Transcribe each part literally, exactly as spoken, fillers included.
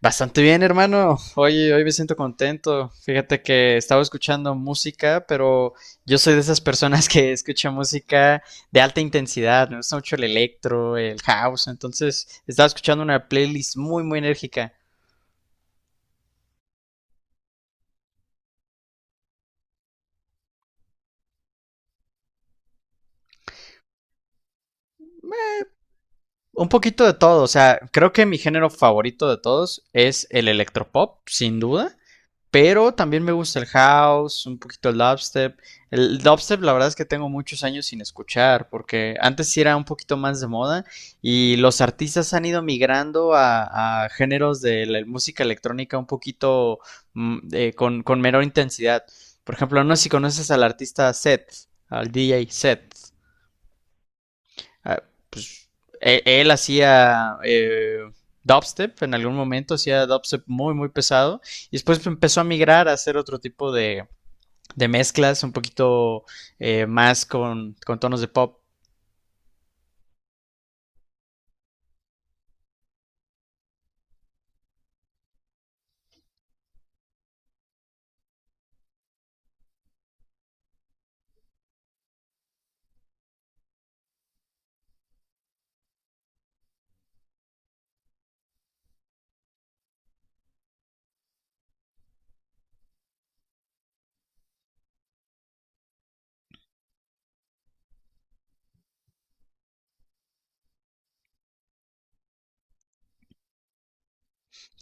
Bastante bien, hermano. Oye, hoy me siento contento. Fíjate que estaba escuchando música, pero yo soy de esas personas que escucha música de alta intensidad. Me gusta mucho el electro, el house. Entonces, estaba escuchando una playlist muy, muy enérgica. Un poquito de todo. O sea, creo que mi género favorito de todos es el electropop, sin duda. Pero también me gusta el house, un poquito el dubstep. El dubstep, la verdad es que tengo muchos años sin escuchar, porque antes sí era un poquito más de moda y los artistas han ido migrando a, a géneros de la música electrónica un poquito mm, eh, con, con menor intensidad. Por ejemplo, no sé si conoces al artista Seth, al D J Seth. ah, pues él, él hacía eh, dubstep. En algún momento hacía dubstep muy, muy pesado, y después empezó a migrar a hacer otro tipo de, de mezclas, un poquito eh, más con, con tonos de pop.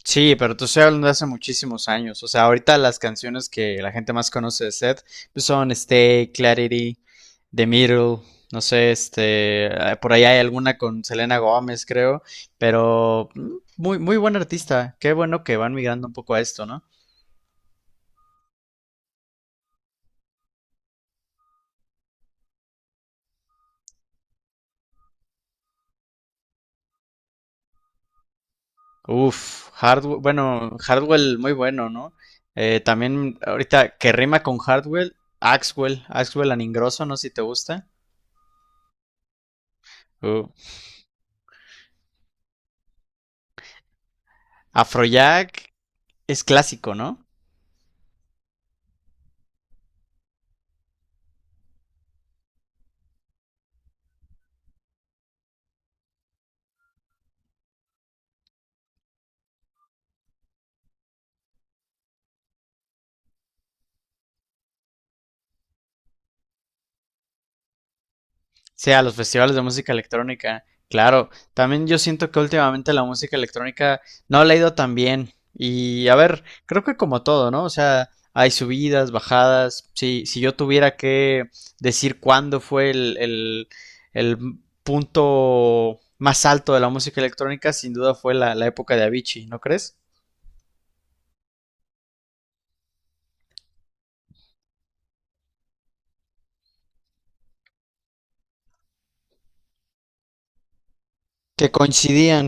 Sí, pero tú estás hablando de hace muchísimos años. O sea, ahorita las canciones que la gente más conoce de Seth pues son Stay, Clarity, The Middle, no sé, este, eh, por ahí hay alguna con Selena Gómez, creo, pero mm, muy, muy buen artista. Qué bueno que van migrando un poco a esto, ¿no? Uf, Hardwell, bueno, Hardwell muy bueno, ¿no? Eh, también ahorita que rima con Hardwell, Axwell, Axwell Aningroso, no sé si te gusta. Uh, Afrojack es clásico, ¿no? Sí, a los festivales de música electrónica. Claro, también yo siento que últimamente la música electrónica no le ha ido tan bien. Y a ver, creo que como todo, ¿no? O sea, hay subidas, bajadas. Si, si yo tuviera que decir cuándo fue el, el, el punto más alto de la música electrónica, sin duda fue la, la época de Avicii, ¿no crees? Que coincidían.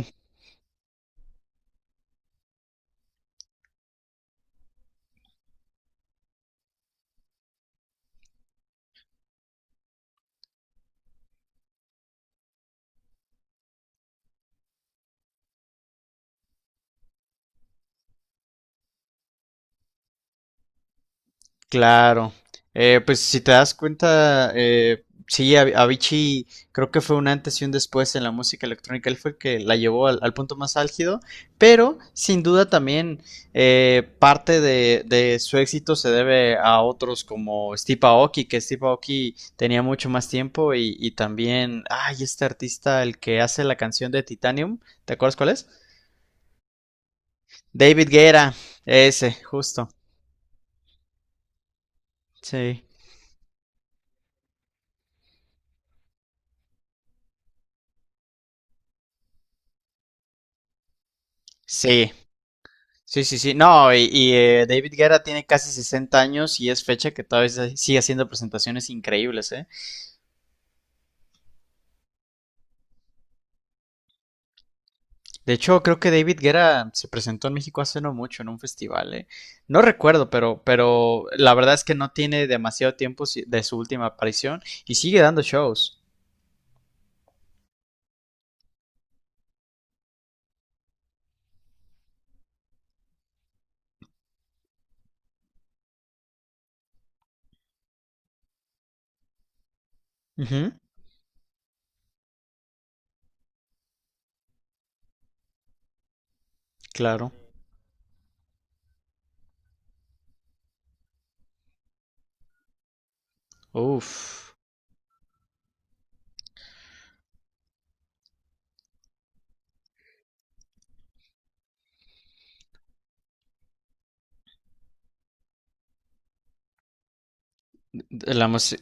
Claro. Eh, pues si te das cuenta, eh, sí, Av- Avicii creo que fue un antes y un después en la música electrónica. Él fue el que la llevó al, al punto más álgido, pero sin duda también eh, parte de, de su éxito se debe a otros como Steve Aoki, que Steve Aoki tenía mucho más tiempo y, y también, ay, este artista, el que hace la canción de Titanium, ¿te acuerdas cuál es? David Guerra, ese, justo. Sí. Sí. Sí, sí, sí. No, y, y, eh, David Guerra tiene casi sesenta años y es fecha que todavía se- sigue haciendo presentaciones increíbles, ¿eh? De hecho, creo que David Guerra se presentó en México hace no mucho en un festival, ¿eh? No recuerdo, pero, pero la verdad es que no tiene demasiado tiempo si- de su última aparición y sigue dando shows. Ujú, claro. Uf. La música.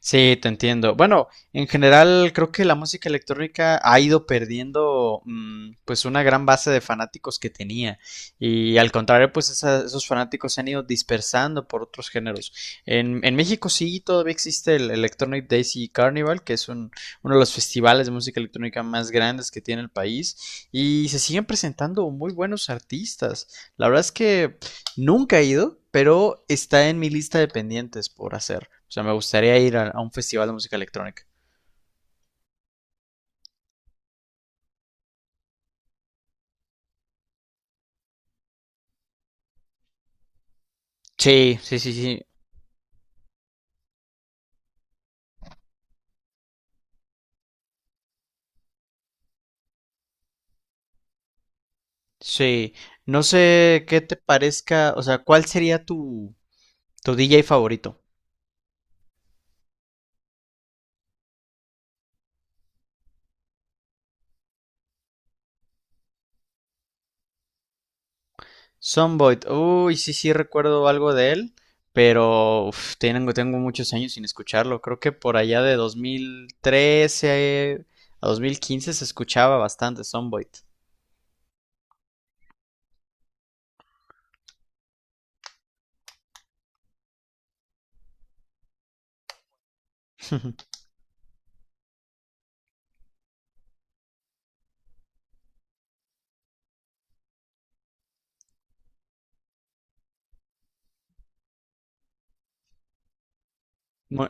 Sí, te entiendo. Bueno, en general creo que la música electrónica ha ido perdiendo mm, pues una gran base de fanáticos que tenía y al contrario pues esa- esos fanáticos se han ido dispersando por otros géneros. En, en México sí todavía existe el Electronic Daisy Carnival, que es un- uno de los festivales de música electrónica más grandes que tiene el país y se siguen presentando muy buenos artistas. La verdad es que nunca he ido, pero está en mi lista de pendientes por hacer. O sea, me gustaría ir a, a un festival de música electrónica. Sí, sí, sí, sí. Sí. No sé qué te parezca, o sea, ¿cuál sería tu, tu D J favorito? Sunvoid. Uy, sí, sí, recuerdo algo de él, pero uf, tengo, tengo muchos años sin escucharlo. Creo que por allá de dos mil trece a dos mil quince se escuchaba bastante Sunvoid. Muy,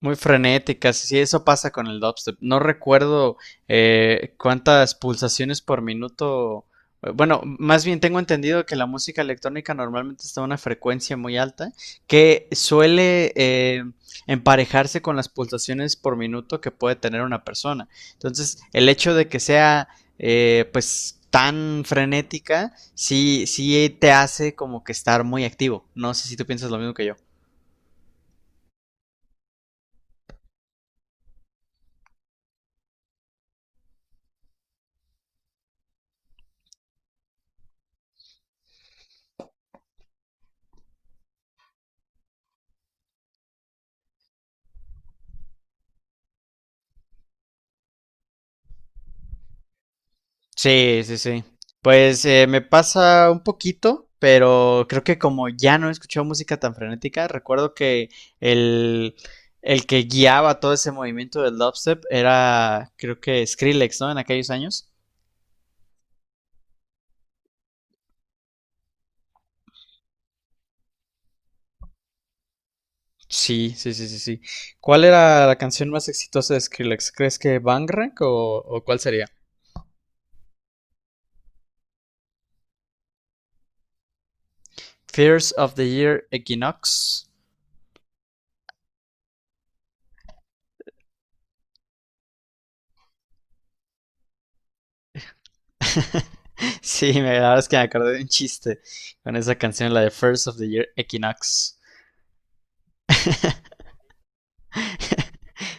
muy frenéticas. Sí, eso pasa con el dubstep. No recuerdo eh, cuántas pulsaciones por minuto. eh, Bueno, más bien tengo entendido que la música electrónica normalmente está a una frecuencia muy alta, que suele eh, emparejarse con las pulsaciones por minuto que puede tener una persona. Entonces, el hecho de que sea eh, pues tan frenética, sí, sí te hace como que estar muy activo. No sé si tú piensas lo mismo que yo. Sí, sí, sí. Pues eh, me pasa un poquito, pero creo que como ya no he escuchado música tan frenética, recuerdo que el, el que guiaba todo ese movimiento del dubstep era, creo que Skrillex, ¿no? En aquellos años. Sí, sí, sí, sí, sí. ¿Cuál era la canción más exitosa de Skrillex? ¿Crees que Bangrack o, o cuál sería? Fears of the Year Equinox. Sí, me- la verdad es que me acordé de un chiste con esa canción, la de First of the Year Equinox.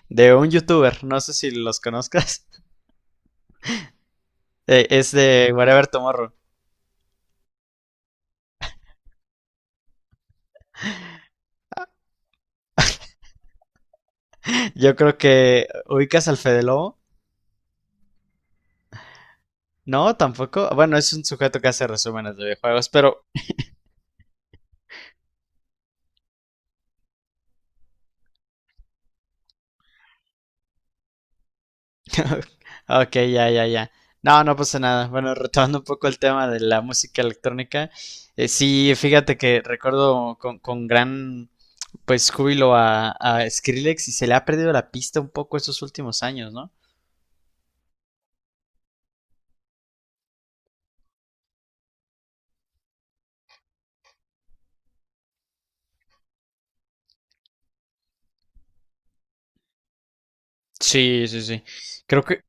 De un youtuber, no sé si los conozcas, eh, es de Whatever Tomorrow. Yo creo que ubicas al Fede Lobo. No, tampoco. Bueno, es un sujeto que hace resúmenes de videojuegos, pero... ok, ya, ya, ya. No, no pasa nada. Bueno, retomando un poco el tema de la música electrónica, eh, sí, fíjate que recuerdo con, con gran pues júbilo a, a Skrillex, y se le ha perdido la pista un poco estos últimos años, ¿no? Sí, sí, sí. Creo que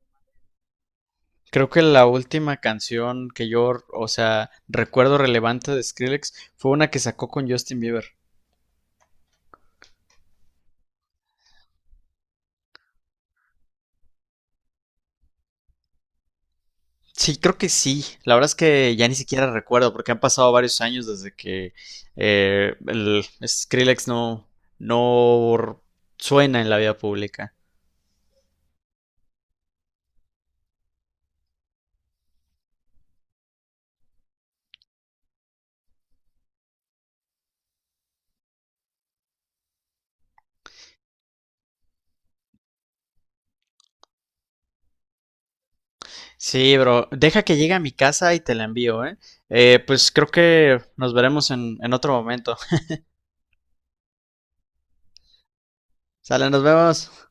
Creo que la última canción que yo, o sea, recuerdo relevante de Skrillex fue una que sacó con Justin Bieber. Sí, creo que sí. La verdad es que ya ni siquiera recuerdo porque han pasado varios años desde que eh, el Skrillex no, no suena en la vida pública. Sí, bro. Deja que llegue a mi casa y te la envío, ¿eh? Eh, pues creo que nos veremos en, en otro momento. Sale, nos vemos.